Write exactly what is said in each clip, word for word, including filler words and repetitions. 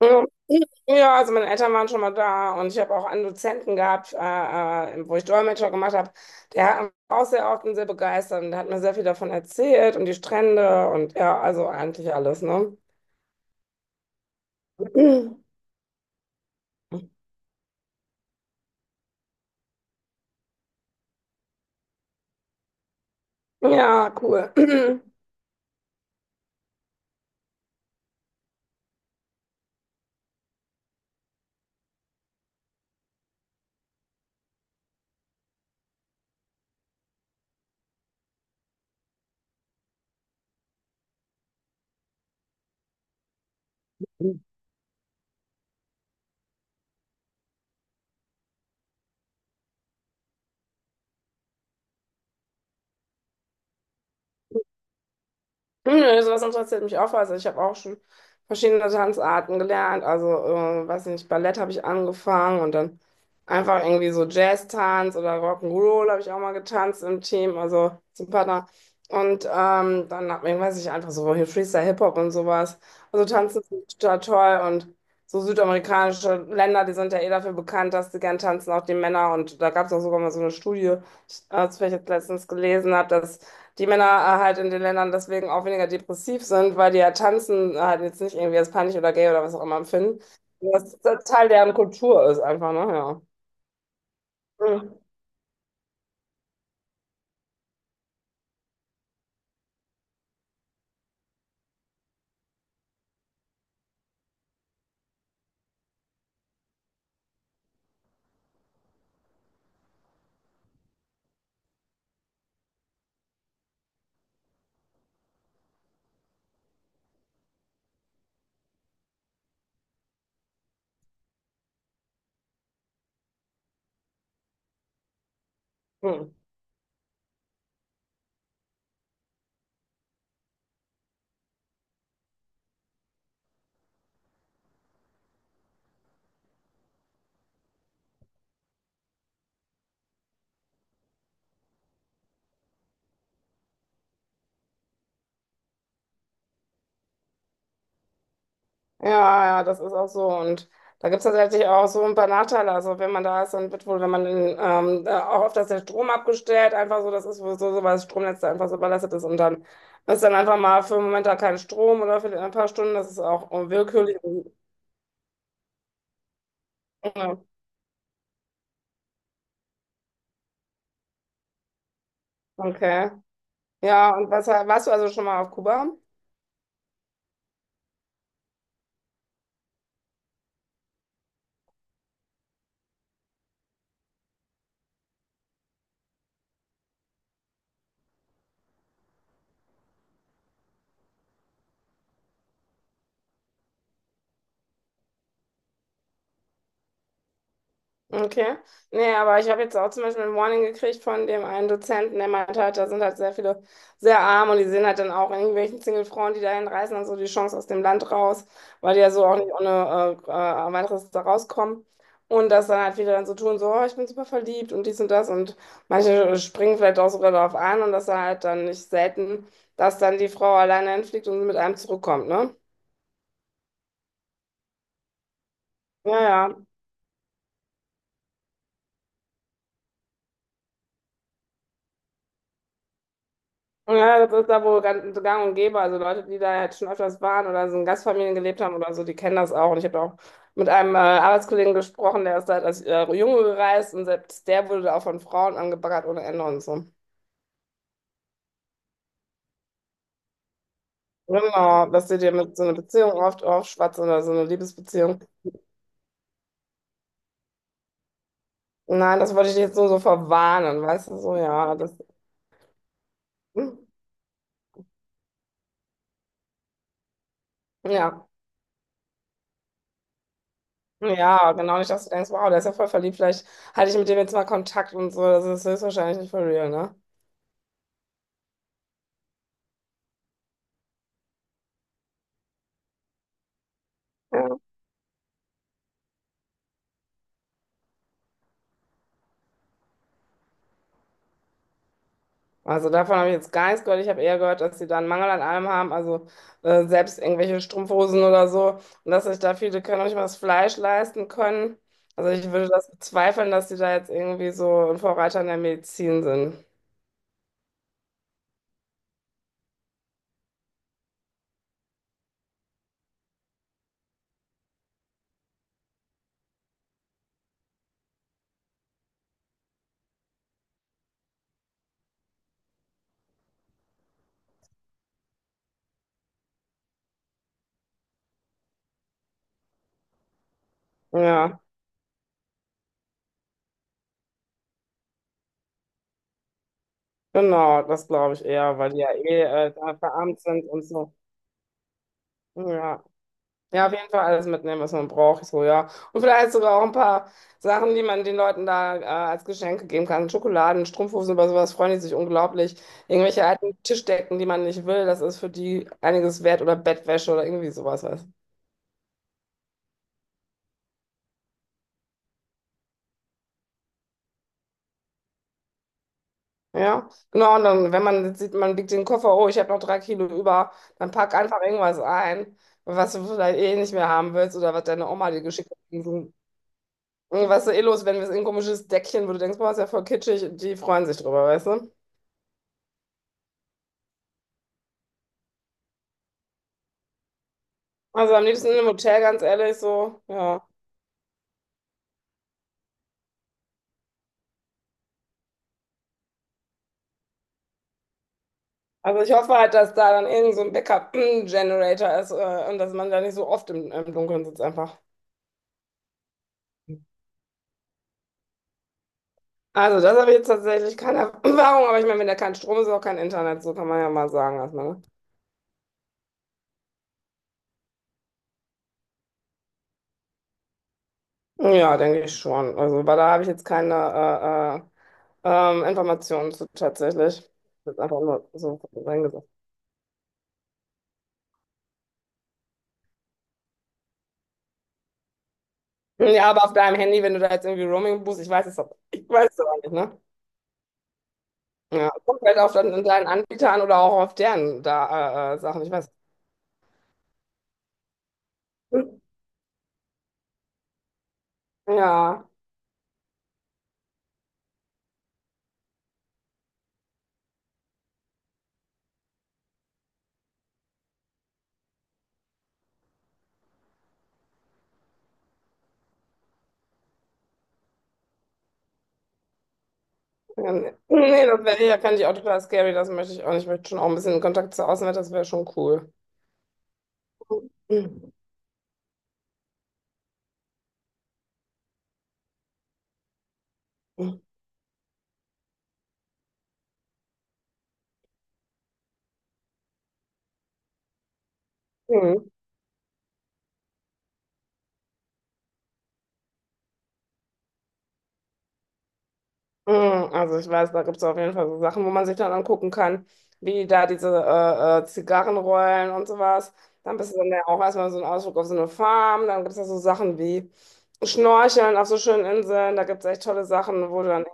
Ja, Ja, also meine Eltern waren schon mal da und ich habe auch einen Dozenten gehabt, äh, äh, wo ich Dolmetscher gemacht habe. Der hat auch sehr oft und sehr begeistert und der hat mir sehr viel davon erzählt und die Strände und ja, also eigentlich alles, ne? Ja, cool. Hm, nö, sowas interessiert mich auch. Also ich habe auch schon verschiedene Tanzarten gelernt. Also, äh, weiß nicht, Ballett habe ich angefangen und dann einfach irgendwie so Jazz-Tanz oder Rock'n'Roll habe ich auch mal getanzt im Team, also zum Partner. Und ähm, dann hab ich, weiß ich, einfach so hier Freestyle-Hip-Hop und sowas. Also tanzen finde ich total toll und so südamerikanische Länder, die sind ja eh dafür bekannt, dass sie gern tanzen, auch die Männer. Und da gab es auch sogar mal so eine Studie, ich, äh, das ich jetzt letztens gelesen habe, dass die Männer äh, halt in den Ländern deswegen auch weniger depressiv sind, weil die ja tanzen äh, halt jetzt nicht irgendwie als peinlich oder gay oder was auch immer empfinden. Das das Teil deren Kultur ist einfach, ne? Ja. Mhm. Mhm. Ja, ja, das ist auch so. Und da gibt es tatsächlich auch so ein paar Nachteile. Also wenn man da ist, dann wird wohl, wenn man in, ähm, äh, auch oft, dass der Strom abgestellt, einfach so, das ist wohl so, so, weil das Stromnetz da einfach so überlastet ist und dann ist dann einfach mal für einen Moment da kein Strom oder für ein paar Stunden, das ist auch willkürlich. Ja, okay. Ja, und was, warst du also schon mal auf Kuba? Okay. Nee, aber ich habe jetzt auch zum Beispiel ein Warning gekriegt von dem einen Dozenten, der meinte halt, da sind halt sehr viele sehr arm und die sehen halt dann auch in irgendwelchen Single-Frauen, die dahin reisen, dann so die Chance aus dem Land raus, weil die ja so auch nicht ohne äh, äh, weiteres da rauskommen. Und das dann halt viele dann so tun, so, oh, ich bin super verliebt und dies und das und manche springen vielleicht auch sogar darauf an und das dann halt dann nicht selten, dass dann die Frau alleine hinfliegt und mit einem zurückkommt, ne? Ja, ja. Ja, das ist da wohl ganz gang und gäbe. Also Leute, die da halt schon öfters waren oder so in Gastfamilien gelebt haben oder so, die kennen das auch. Und ich habe auch mit einem äh, Arbeitskollegen gesprochen, der ist da als äh, Junge gereist und selbst der wurde da auch von Frauen angebaggert ohne Ende und so. Genau, dass sie dir mit so einer Beziehung oft aufschwatzen oder so eine Liebesbeziehung. Nein, das wollte ich jetzt nur so verwarnen, weißt du, so, ja, das, hm, ja. Ja, genau, nicht, dass du denkst, wow, der ist ja voll verliebt, vielleicht halte ich mit dem jetzt mal Kontakt und so, das ist höchstwahrscheinlich nicht for real, ne? Also davon habe ich jetzt gar nichts gehört. Ich habe eher gehört, dass sie da einen Mangel an allem haben, also äh, selbst irgendwelche Strumpfhosen oder so, und dass sich da viele können auch nicht mal das Fleisch leisten können. Also ich würde das bezweifeln, dass sie da jetzt irgendwie so ein Vorreiter in der Medizin sind. Ja, genau, das glaube ich eher, weil die ja eh äh, da verarmt sind und so. Ja. Ja, auf jeden Fall alles mitnehmen, was man braucht. Ich so, ja. Und vielleicht sogar auch ein paar Sachen, die man den Leuten da äh, als Geschenke geben kann. Schokoladen, Strumpfhosen, über sowas freuen die sich unglaublich. Irgendwelche alten Tischdecken, die man nicht will, das ist für die einiges wert, oder Bettwäsche oder irgendwie sowas, weißt du. Ja, genau. Und dann, wenn man jetzt sieht, man biegt den Koffer, oh, ich habe noch drei Kilo über, dann pack einfach irgendwas ein, was du vielleicht eh nicht mehr haben willst oder was deine Oma dir geschickt hat. Irgendwas eh los, wenn wir es in ein komisches Deckchen, wo du denkst, boah, ist ja voll kitschig, die freuen sich drüber, weißt du? Also am liebsten im Hotel, ganz ehrlich, so, ja. Also ich hoffe halt, dass da dann irgend so ein Backup-Generator ist äh, und dass man da nicht so oft im, im Dunkeln sitzt einfach. Also das habe ich jetzt tatsächlich keine Erfahrung, aber ich meine, wenn da kein Strom ist, auch kein Internet, so kann man ja mal sagen erstmal, ne? Ja, denke ich schon. Also, aber da habe ich jetzt keine äh, äh, ähm, Informationen zu tatsächlich. Das ist einfach nur so reingesagt. Ja, aber auf deinem Handy, wenn du da jetzt irgendwie Roaming buchst, ich weiß es aber, ich weiß es aber nicht, ne? Ja, kommt halt auf dann deinen Anbieter an oder auch auf deren da, äh, äh, Sachen, ich weiß. Ja, ja, nee, nee, das wäre ja, kann ich auch total scary, das möchte ich auch nicht. Ich möchte schon auch ein bisschen in Kontakt zur Außenwelt, das wäre schon cool. Mhm. Mhm. Also ich weiß, da gibt es auf jeden Fall so Sachen, wo man sich dann angucken kann, wie da diese äh, äh, Zigarrenrollen und sowas. Dann bist du dann ja auch erstmal so ein Ausflug auf so eine Farm. Dann gibt es da so Sachen wie Schnorcheln auf so schönen Inseln. Da gibt es echt tolle Sachen, wo du dann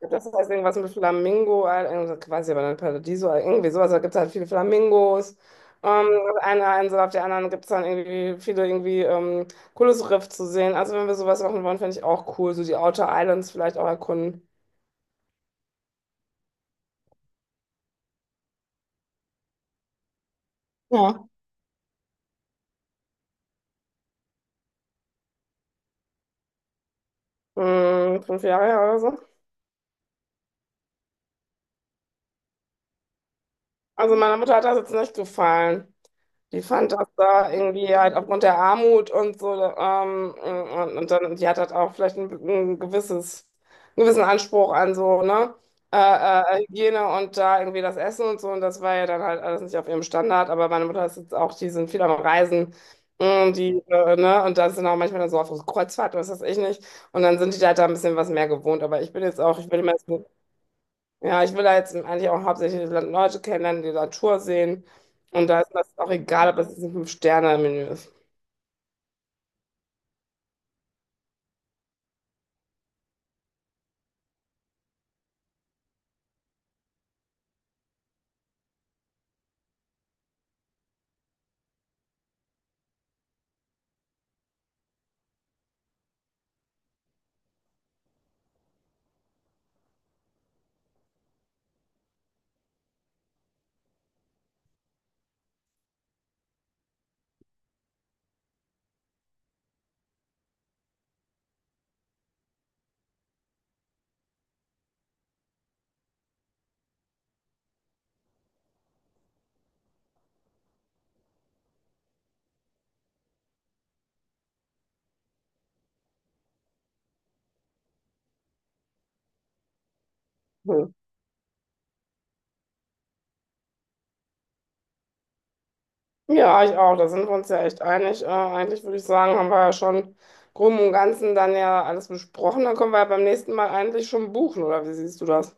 das heißt irgendwas mit Flamingo, äh, irgendwas- weiß ich aber nicht, Paradiso, äh, irgendwie sowas. Da gibt es halt viele Flamingos. Ähm, auf einer Insel, auf der anderen gibt es dann irgendwie viele irgendwie ähm, cooles Riff zu sehen. Also wenn wir sowas machen wollen, fände ich auch cool. So die Outer Islands vielleicht auch erkunden. Ja. Hm, fünf Jahre her oder so. Also meiner Mutter hat das jetzt nicht gefallen. Die fand das da irgendwie halt aufgrund der Armut und so, ähm, und, und dann, die hat halt auch vielleicht ein, ein gewisses, einen gewissen Anspruch an so, ne, äh, äh, Hygiene und da irgendwie das Essen und so, und das war ja dann halt alles nicht auf ihrem Standard, aber meine Mutter ist jetzt auch, die sind viel am Reisen, mh, die, äh, ne, und da sind auch manchmal dann so auf Kreuzfahrt, was weiß ich nicht, und dann sind die da halt da ein bisschen was mehr gewohnt, aber ich bin jetzt auch, ich bin immer so ja, ich will da jetzt eigentlich auch hauptsächlich Leute kennenlernen, die Natur sehen. Und da ist mir das auch egal, ob das jetzt ein Fünf-Sterne-Menü ist. Hm. Ja, ich auch. Da sind wir uns ja echt einig. Äh, eigentlich würde ich sagen, haben wir ja schon grob im Ganzen dann ja alles besprochen. Dann können wir ja beim nächsten Mal eigentlich schon buchen, oder wie siehst du das?